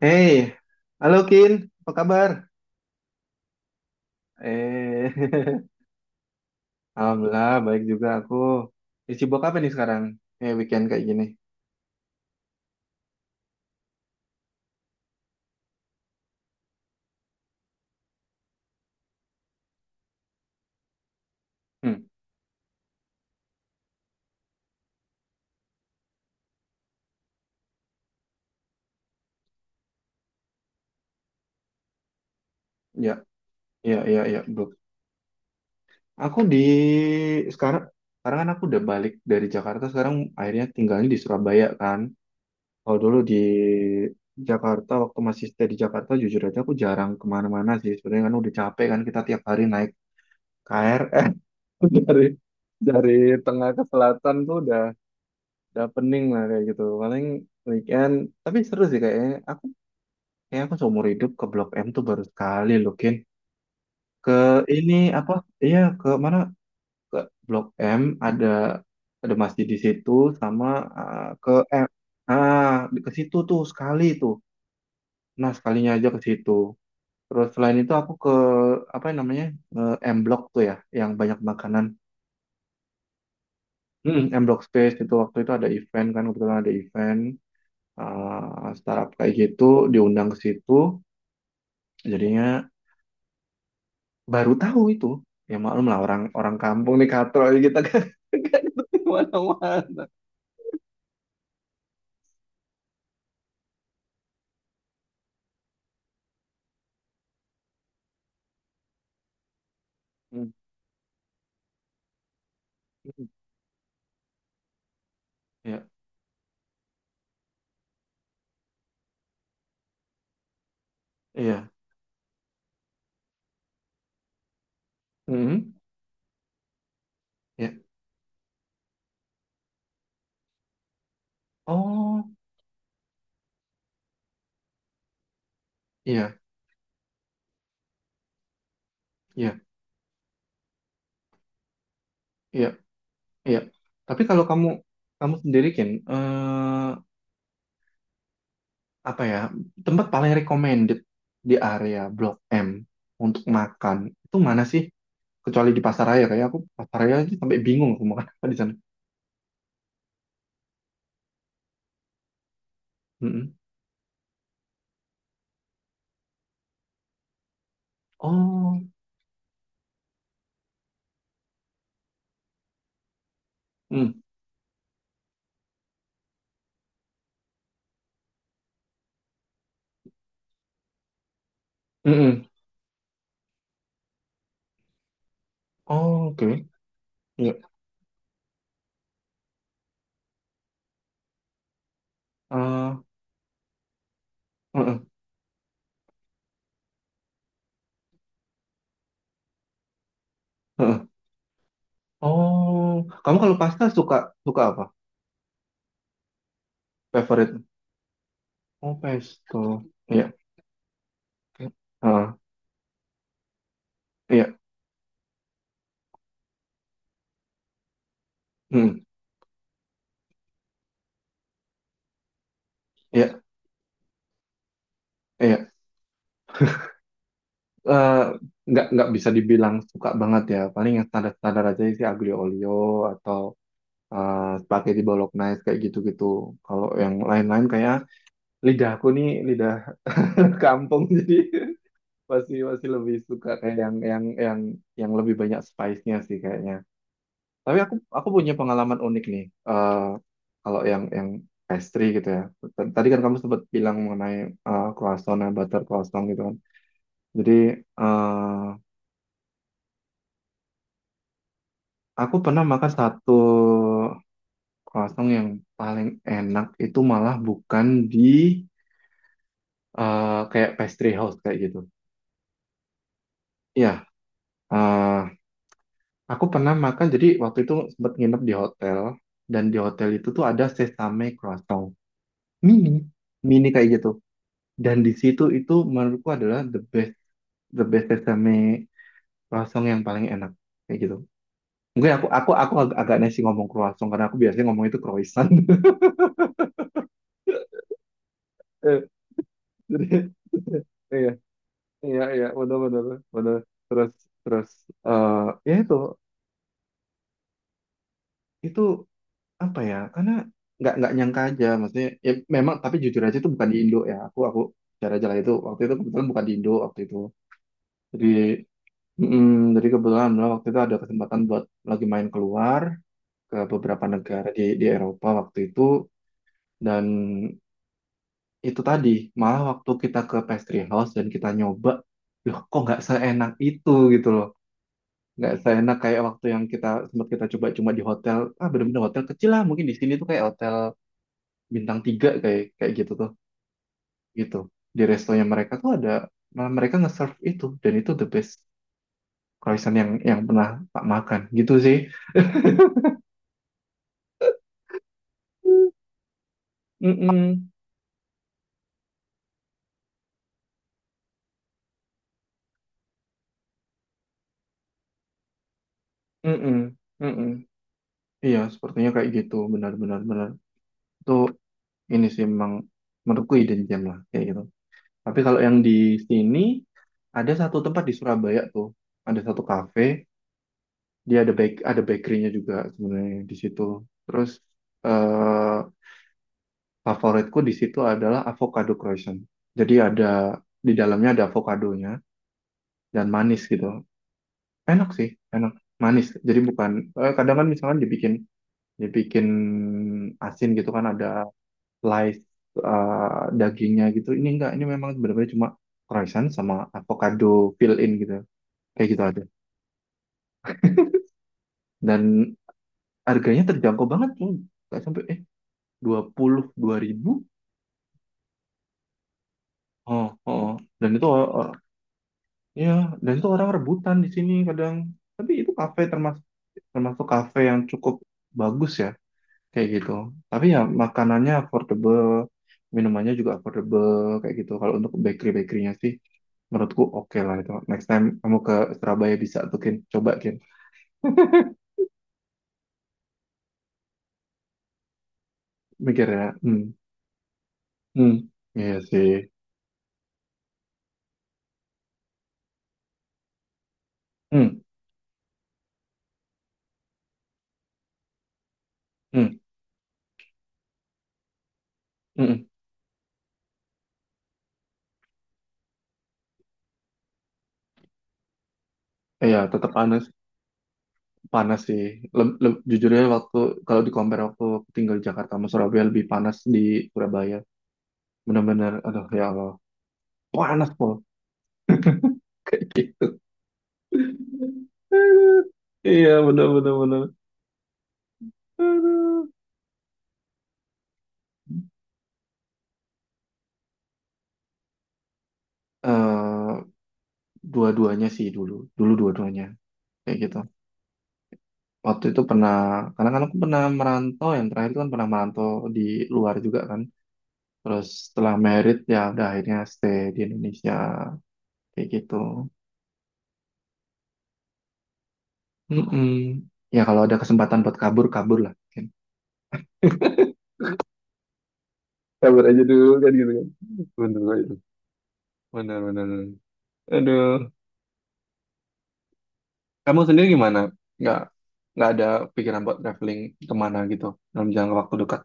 Hey, halo Kin, apa kabar? Eh, Alhamdulillah baik juga aku. Di Cibok apa nih sekarang? Weekend kayak gini. Hmm, ya, ya, ya, ya, bro. Aku di sekarang, sekarang kan aku udah balik dari Jakarta. Sekarang akhirnya tinggalnya di Surabaya kan. Kalau dulu di Jakarta, waktu masih stay di Jakarta, jujur aja aku jarang kemana-mana sih. Sebenarnya kan udah capek kan kita tiap hari naik KRL dari dari tengah ke selatan tuh udah. Udah pening lah kayak gitu, paling weekend tapi seru sih kayaknya. Kayak aku seumur hidup ke Blok M tuh baru sekali loh Kin, ke ini, apa, iya, ke mana, ke Blok M, ada ada masjid di situ sama, ah, ke M, ah, ke situ tuh sekali tuh, nah sekalinya aja ke situ. Terus selain itu aku ke apa namanya, M Block tuh ya, yang banyak makanan. Hmm, M Block Space, itu waktu itu ada event kan, kebetulan ada event, startup kayak gitu, diundang ke situ, jadinya baru tahu itu. Ya maklum lah, orang orang kampung nih, katro kita kan, nggak ngerti mana-mana. Hmm, ya, iya, hmm, ya, oh iya, iya, iya, iya. Tapi kalau kamu, kamu sendiri kan, apa ya, tempat paling recommended di area Blok M untuk makan itu mana sih? Kecuali di pasaraya, kayak aku pasaraya aja sampai bingung aku makan apa di sana. Hmm. Oh, hmm, hmm, hmm. Oh, oke, iya. Eh, mm-mm. Oh, kamu kalau pasta suka suka apa? Favorite? Oh, pesto. Iya, oke. Ah, iya, hmm, iya, iya. Eh, nggak bisa dibilang suka banget ya. Paling yang standar-standar aja sih, aglio olio atau spaghetti bolognese kayak gitu-gitu. Kalau yang lain-lain kayak lidah aku nih, lidah kampung jadi. Masih masih lebih suka kayak yang yang lebih banyak spice-nya sih kayaknya. Tapi aku punya pengalaman unik nih. eh Kalau yang pastry gitu ya. Tadi kan kamu sempat bilang mengenai croissant ya, butter croissant gitu kan. Jadi, eh aku pernah makan satu croissant yang paling enak itu malah bukan di, kayak pastry house kayak gitu. Iya, eh. Aku pernah makan, jadi waktu itu sempat nginep di hotel, dan di hotel itu tuh ada sesame croissant mini, mini kayak gitu. Dan di situ itu menurutku adalah the best sesame croissant yang paling enak, kayak gitu. Mungkin aku agak, agak nasi ngomong croissant, karena aku biasanya ngomong itu croissant. Eh, jadi iya, iya, iya, benar benar benar, terus terus ya itu apa ya, karena nggak nyangka aja maksudnya. Ya memang tapi jujur aja itu bukan di Indo ya, aku cara jalan itu waktu itu, kebetulan bukan di Indo waktu itu. Jadi, mm, jadi kebetulan lah waktu itu ada kesempatan buat lagi main keluar ke beberapa negara di Eropa waktu itu. Dan itu tadi, malah waktu kita ke pastry house dan kita nyoba, loh kok nggak seenak itu gitu loh, nggak seenak kayak waktu yang kita sempat kita coba cuma di hotel. Ah, bener-bener hotel kecil lah, mungkin di sini tuh kayak hotel bintang tiga kayak kayak gitu tuh gitu. Di restonya mereka tuh ada, malah mereka nge-serve itu, dan itu the best croissant yang pernah tak makan gitu sih. Mm-mm. Mm-mm. Mm-mm. Iya, sepertinya kayak gitu, benar-benar benar. Itu ini sih memang menurutku hidden gem lah kayak gitu. Tapi kalau yang di sini, ada satu tempat di Surabaya tuh, ada satu cafe, dia ada ada bakerynya juga sebenarnya di situ. Terus, eh favoritku di situ adalah avocado croissant. Jadi ada di dalamnya ada avokadonya, dan manis gitu. Enak sih, enak, manis. Jadi bukan, kadang kan misalkan dibikin dibikin asin gitu kan ada slice, dagingnya gitu. Ini enggak, ini memang benar-benar cuma croissant sama avocado fill in gitu. Kayak gitu aja. Dan harganya terjangkau banget, cuy. Nggak sampai 22.000. Oh, oh, oh. Dan itu, ya, dan itu orang rebutan di sini kadang. Tapi itu kafe termasuk, termasuk kafe yang cukup bagus ya, kayak gitu. Tapi ya makanannya affordable, minumannya juga affordable, kayak gitu. Kalau untuk bakery-bakerynya sih, menurutku oke lah itu. Next time kamu ke Surabaya bisa tuh Kin, coba Kin. Mikir ya, hmm, hmm, iya sih, hmm, hmm, hmm, hmm. Iya, tetap panas, panas sih. Jujurnya waktu, kalau di compare waktu tinggal di Jakarta sama Surabaya, lebih panas di Surabaya, benar-benar aduh ya Allah, panas pol. Iya, benar-benar benar. Aduh. eh Dua-duanya sih, dulu dulu dua-duanya kayak gitu, waktu itu pernah, karena kan aku pernah merantau yang terakhir itu kan pernah merantau di luar juga kan. Terus setelah merit ya udah, akhirnya stay di Indonesia kayak gitu. Mm-mm. Ya kalau ada kesempatan buat kabur, kabur lah mungkin. Sabar aja dulu kan gitu kan. Bener, bener. Bener, benar-benar. Aduh. Kamu sendiri gimana? Nggak, nggak Ada pikiran buat traveling kemana gitu dalam jangka waktu dekat?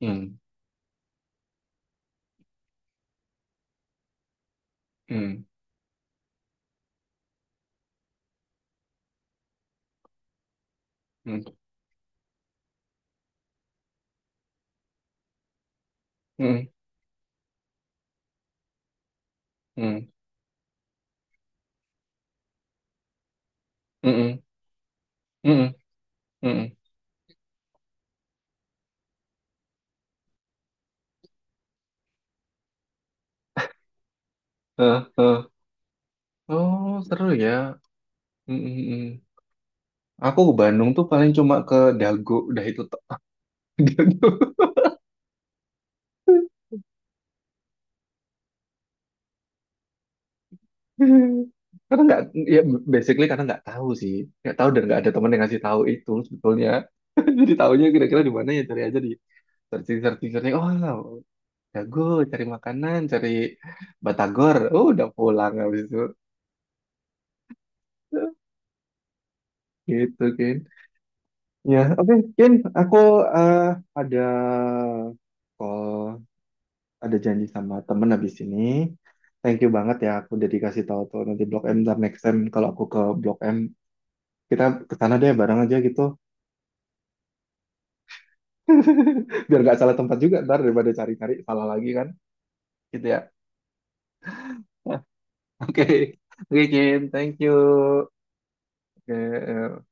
Hmm, hmm, hmm, hmm, hmm, hmm, hmm, hmm, hmm, hmm. Eh, eh. Oh, seru ya. Hmm, hmm, hmm. Aku ke Bandung tuh paling cuma ke Dago, udah itu tok. Dago. Karena nggak, Ya basically karena nggak tahu sih, nggak tahu dan nggak ada teman yang ngasih tahu itu sebetulnya. Jadi tahunya kira-kira di mana, ya cari aja di searching searching searching. Oh, jago cari makanan, cari batagor, oh, udah pulang habis itu gitu Kin. Ya oke Kin, aku eh, ada call, ada janji sama temen habis ini. Thank you banget ya, aku udah dikasih tahu tuh. Nanti Blok M, ntar next time kalau aku ke Blok M, kita ke sana deh bareng aja gitu. Biar nggak salah tempat juga ntar, daripada cari-cari salah lagi kan, gitu ya. Oke, oke Kin, thank you. Oke, eh,